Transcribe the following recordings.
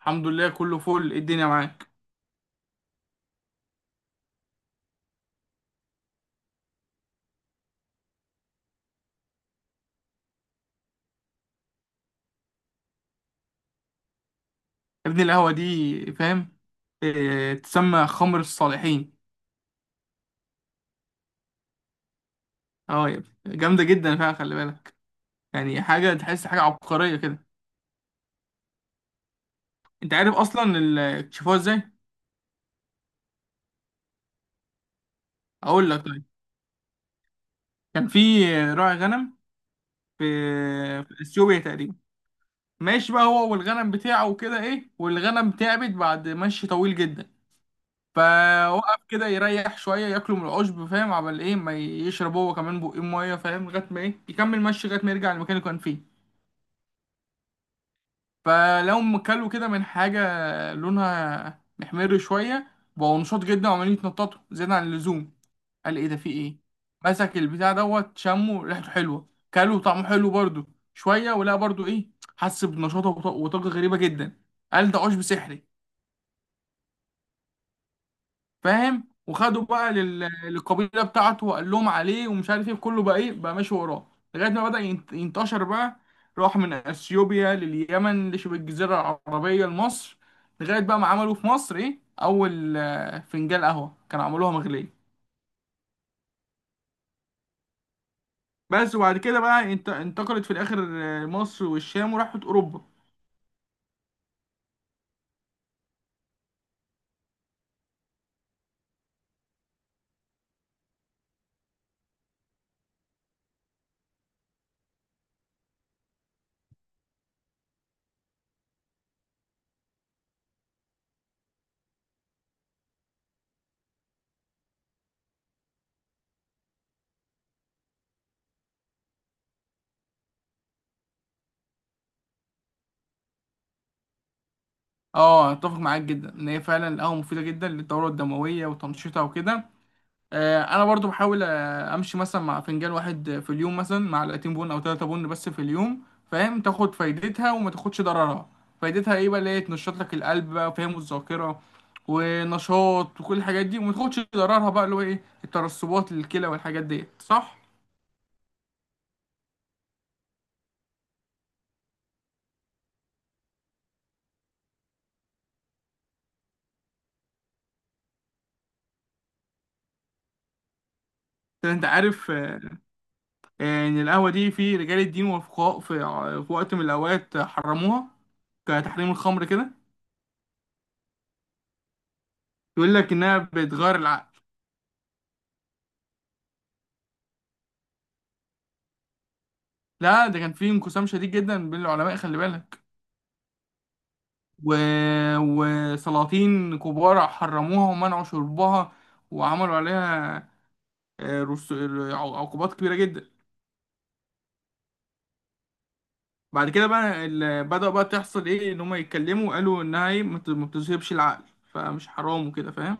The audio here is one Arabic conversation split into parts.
الحمد لله، كله فل. إيه الدنيا معاك؟ يا ابني، القهوة دي، فاهم؟ إيه؟ تسمى خمر الصالحين. اه يا ابني، جامدة جدا فعلا، خلي بالك. يعني حاجة تحس حاجة عبقرية كده. انت عارف اصلا اكتشفوها ازاي؟ اقول لك، طيب. كان في راعي غنم في في اثيوبيا تقريبا. ماشي بقى، هو والغنم بتاعه وكده ايه، والغنم تعبت بعد مشي طويل جدا. فوقف كده يريح شويه، ياكلوا من العشب، فاهم؟ عمل ايه؟ ما يشرب هو كمان بقين ميه، فاهم؟ لغايه ما ايه، يكمل مشي لغايه ما يرجع المكان اللي كان فيه. فلو كلوا كده من حاجة لونها محمر شوية، بقوا نشاط جدا وعمالين يتنططوا زيادة عن اللزوم. قال: ايه ده؟ في ايه؟ مسك البتاع دوت، شمه، ريحته حلوة، كلوا طعمه حلو برضو. شوية ولقى برضو ايه، حس بنشاطه وطاقة غريبة جدا. قال ده عشب سحري. فاهم؟ وخدوا بقى للقبيله بتاعته، وقال لهم عليه ومش عارف ايه، كله بقى ايه، بقى ماشي وراه. لغايه ما بدأ ينتشر بقى. راح من اثيوبيا لليمن، لشبه الجزيره العربيه، لمصر. لغايه بقى ما عملوا في مصر ايه، اول فنجان قهوه كانوا عملوها مغليه بس. وبعد كده بقى انتقلت في الاخر. مصر والشام وراحت اوروبا. اه، اتفق معاك جدا، ان هي فعلا القهوه مفيده جدا للدوره الدمويه وتنشيطها وكده. انا برضو بحاول امشي مثلا مع فنجان واحد في اليوم، مثلا مع معلقتين بن او 3 بن بس في اليوم. فاهم؟ تاخد فايدتها وما تاخدش ضررها. فايدتها ايه بقى؟ اللي هي تنشط لك القلب بقى، فاهم؟ والذاكره ونشاط وكل الحاجات دي. وما تاخدش ضررها بقى اللي هو ايه، الترسبات للكلى والحاجات ديت، صح؟ عشان انت عارف ان القهوه دي في رجال الدين وفقهاء في وقت من الاوقات حرموها، كتحريم الخمر كده. يقول لك انها بتغير العقل. لا، ده كان في انقسام شديد جدا بين العلماء، خلي بالك. و... وسلاطين كبار حرموها ومنعوا شربها، وعملوا عليها آه، رس... عقوبات كبيرة جدا. بعد كده بقى بدأ بقى تحصل ايه، ان هم يتكلموا قالوا انها ايه، ما بتذهبش العقل، فمش حرام وكده، فاهم؟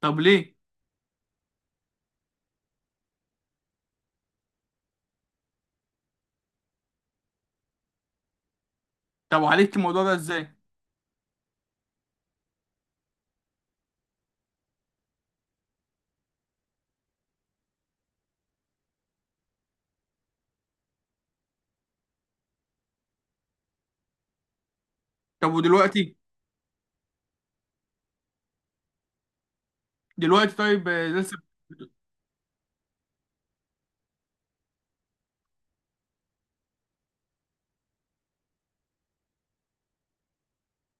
طب ليه؟ طب وعالجت الموضوع ده ازاي؟ طب ودلوقتي؟ دلوقتي طيب لسه؟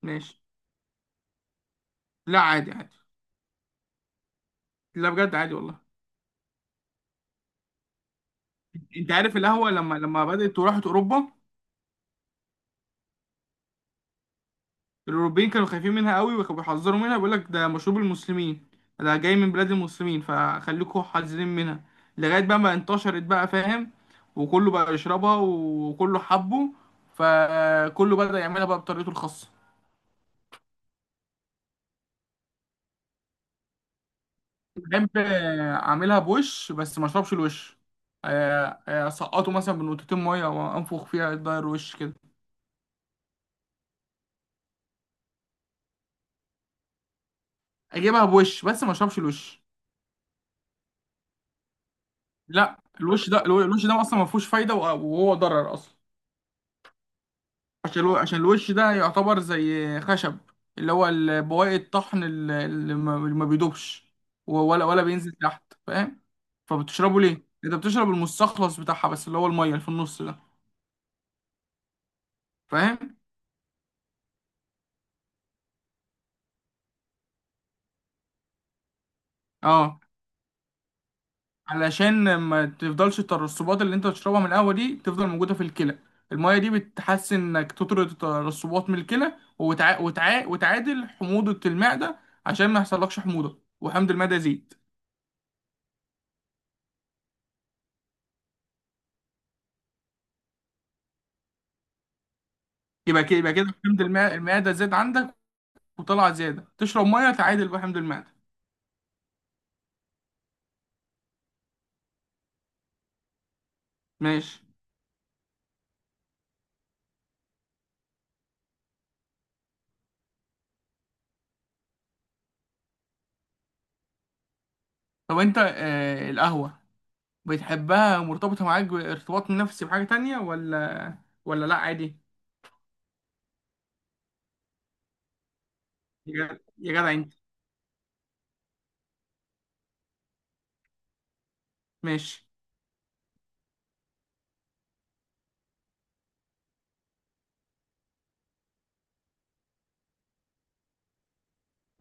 ماشي. لا، عادي، عادي. لا، بجد عادي والله. انت عارف، القهوة لما بدأت وراحت اوروبا، الاوروبيين كانوا خايفين منها قوي، وكانوا بيحذروا منها، بيقول لك ده مشروب المسلمين، ده جاي من بلاد المسلمين، فخليكوا حذرين منها. لغايه بقى ما انتشرت بقى، فاهم؟ وكله بقى يشربها وكله حبه. فكله بدأ يعملها بقى بطريقته الخاصه. بحب اعملها بوش، بس ما اشربش الوش. اسقطه مثلا بنقطتين ميه وانفخ فيها، يتغير وش كده. اجيبها بوش بس ما اشربش الوش. لا، الوش ده، الوش ده اصلا ما فيهوش فايده، وهو ضرر اصلا. عشان الوش ده يعتبر زي خشب، اللي هو بواقي الطحن اللي ما بيدوبش، ولا بينزل تحت، فاهم؟ فبتشربه ليه؟ انت بتشرب المستخلص بتاعها بس، اللي هو الميه اللي في النص ده. فاهم؟ اه. علشان ما تفضلش الترسبات اللي انت بتشربها من القهوه دي تفضل موجوده في الكلى. الميه دي بتحسن انك تطرد الترسبات من الكلى وتعادل حموضه المعده، عشان ما يحصلكش حموضه وحمض المعده يزيد. يبقى كده حمض المعده زاد عندك، وطلع زيادة، تشرب مية تعادل بقى حمض المعدة. ماشي. طب انت القهوة بتحبها مرتبطة معاك بارتباط نفسي بحاجة تانية، ولا لأ عادي؟ يا جدع يا جدع انت. ماشي،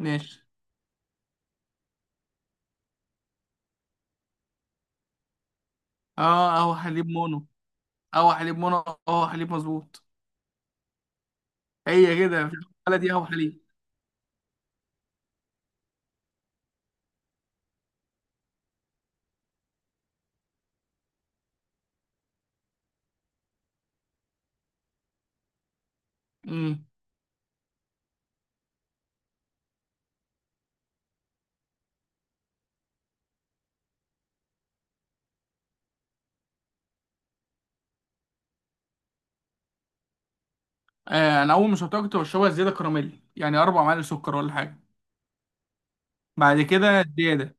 ماشي. اه، قهوة حليب مونو، قهوة حليب مونو، قهوة حليب مظبوط. هي كده في الحالة دي قهوة حليب. امم. انا اول ما شربتها كنت بشربها زيادة كراميل، يعني 4 معالق سكر ولا حاجة. بعد كده زيادة.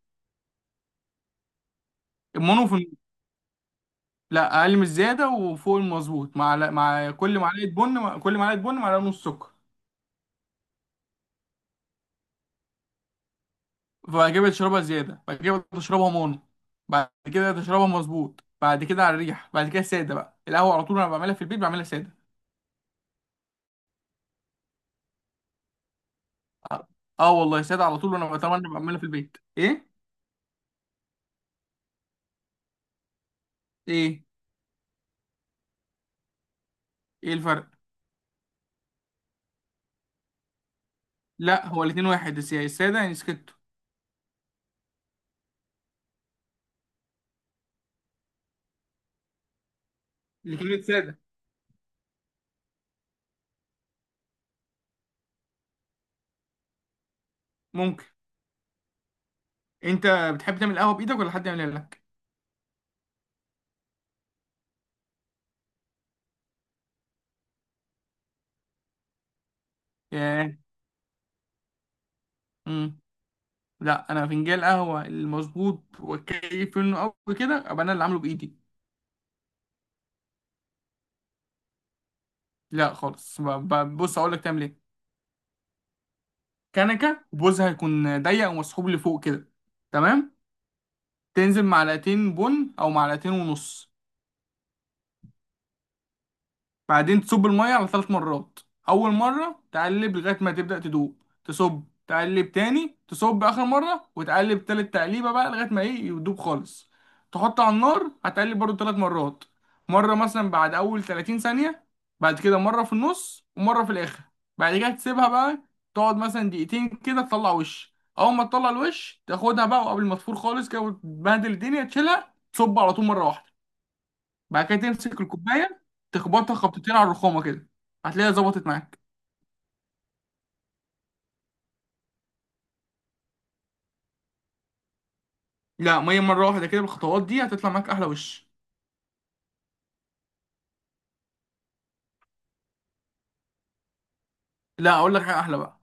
المونو في. لا، اقل من الزياده وفوق المظبوط، مع كل معلقه بن معلقه ونص سكر. بعد كده بتشربها زياده، بعد كده بتشربها مونو، بعد كده تشربها مظبوط، بعد كده على الريح، بعد كده ساده بقى. القهوه على طول انا بعملها في البيت، بعملها ساده. اه. والله ساده على طول، وانا بتمنى بعملها في البيت ايه. ايه، ايه الفرق؟ لا، هو الاتنين واحد، الساده يعني سكتو. الاتنين ساده. ممكن. انت بتحب تعمل قهوه بايدك ولا حد يعملها لك؟ ياه. إمم. لا، انا فنجان القهوه المظبوط وكيف، انه قوي كده، ابقى انا اللي عامله بايدي. لا خالص، بص اقول لك تعمل ايه. كنكه بوزها هيكون ضيق ومسحوب لفوق كده. تمام. تنزل معلقتين بن او معلقتين ونص. بعدين تصب المية على 3 مرات. أول مرة تقلب لغاية ما تبدأ تدوب، تصب تقلب تاني، تصب آخر مرة وتقلب تالت تقليبة بقى لغاية ما إيه يدوب خالص. تحط على النار، هتقلب برضو 3 مرات. مرة مثلا بعد أول 30 ثانية، بعد كده مرة في النص ومرة في الآخر. بعد كده تسيبها بقى، تقعد مثلا دقيقتين كده، تطلع وش. أول ما تطلع الوش تاخدها بقى، وقبل ما تفور خالص كده وتبهدل الدنيا، تشيلها تصب على طول مرة واحدة. بعد كده تمسك الكوبايه، تخبطها خبطتين على الرخامه كده، هتلاقيها ظبطت معاك. لا، ما هي مره واحده كده، بالخطوات دي هتطلع معاك احلى وش. لا، اقول لك حاجه احلى بقى.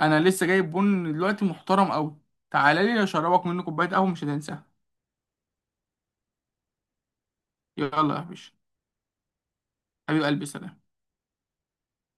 انا لسه جايب بن دلوقتي محترم قوي. تعالى لي اشربك منه كوبايه قهوه مش هتنساها. يلا يا باشا. حبيب قلبي، سلام.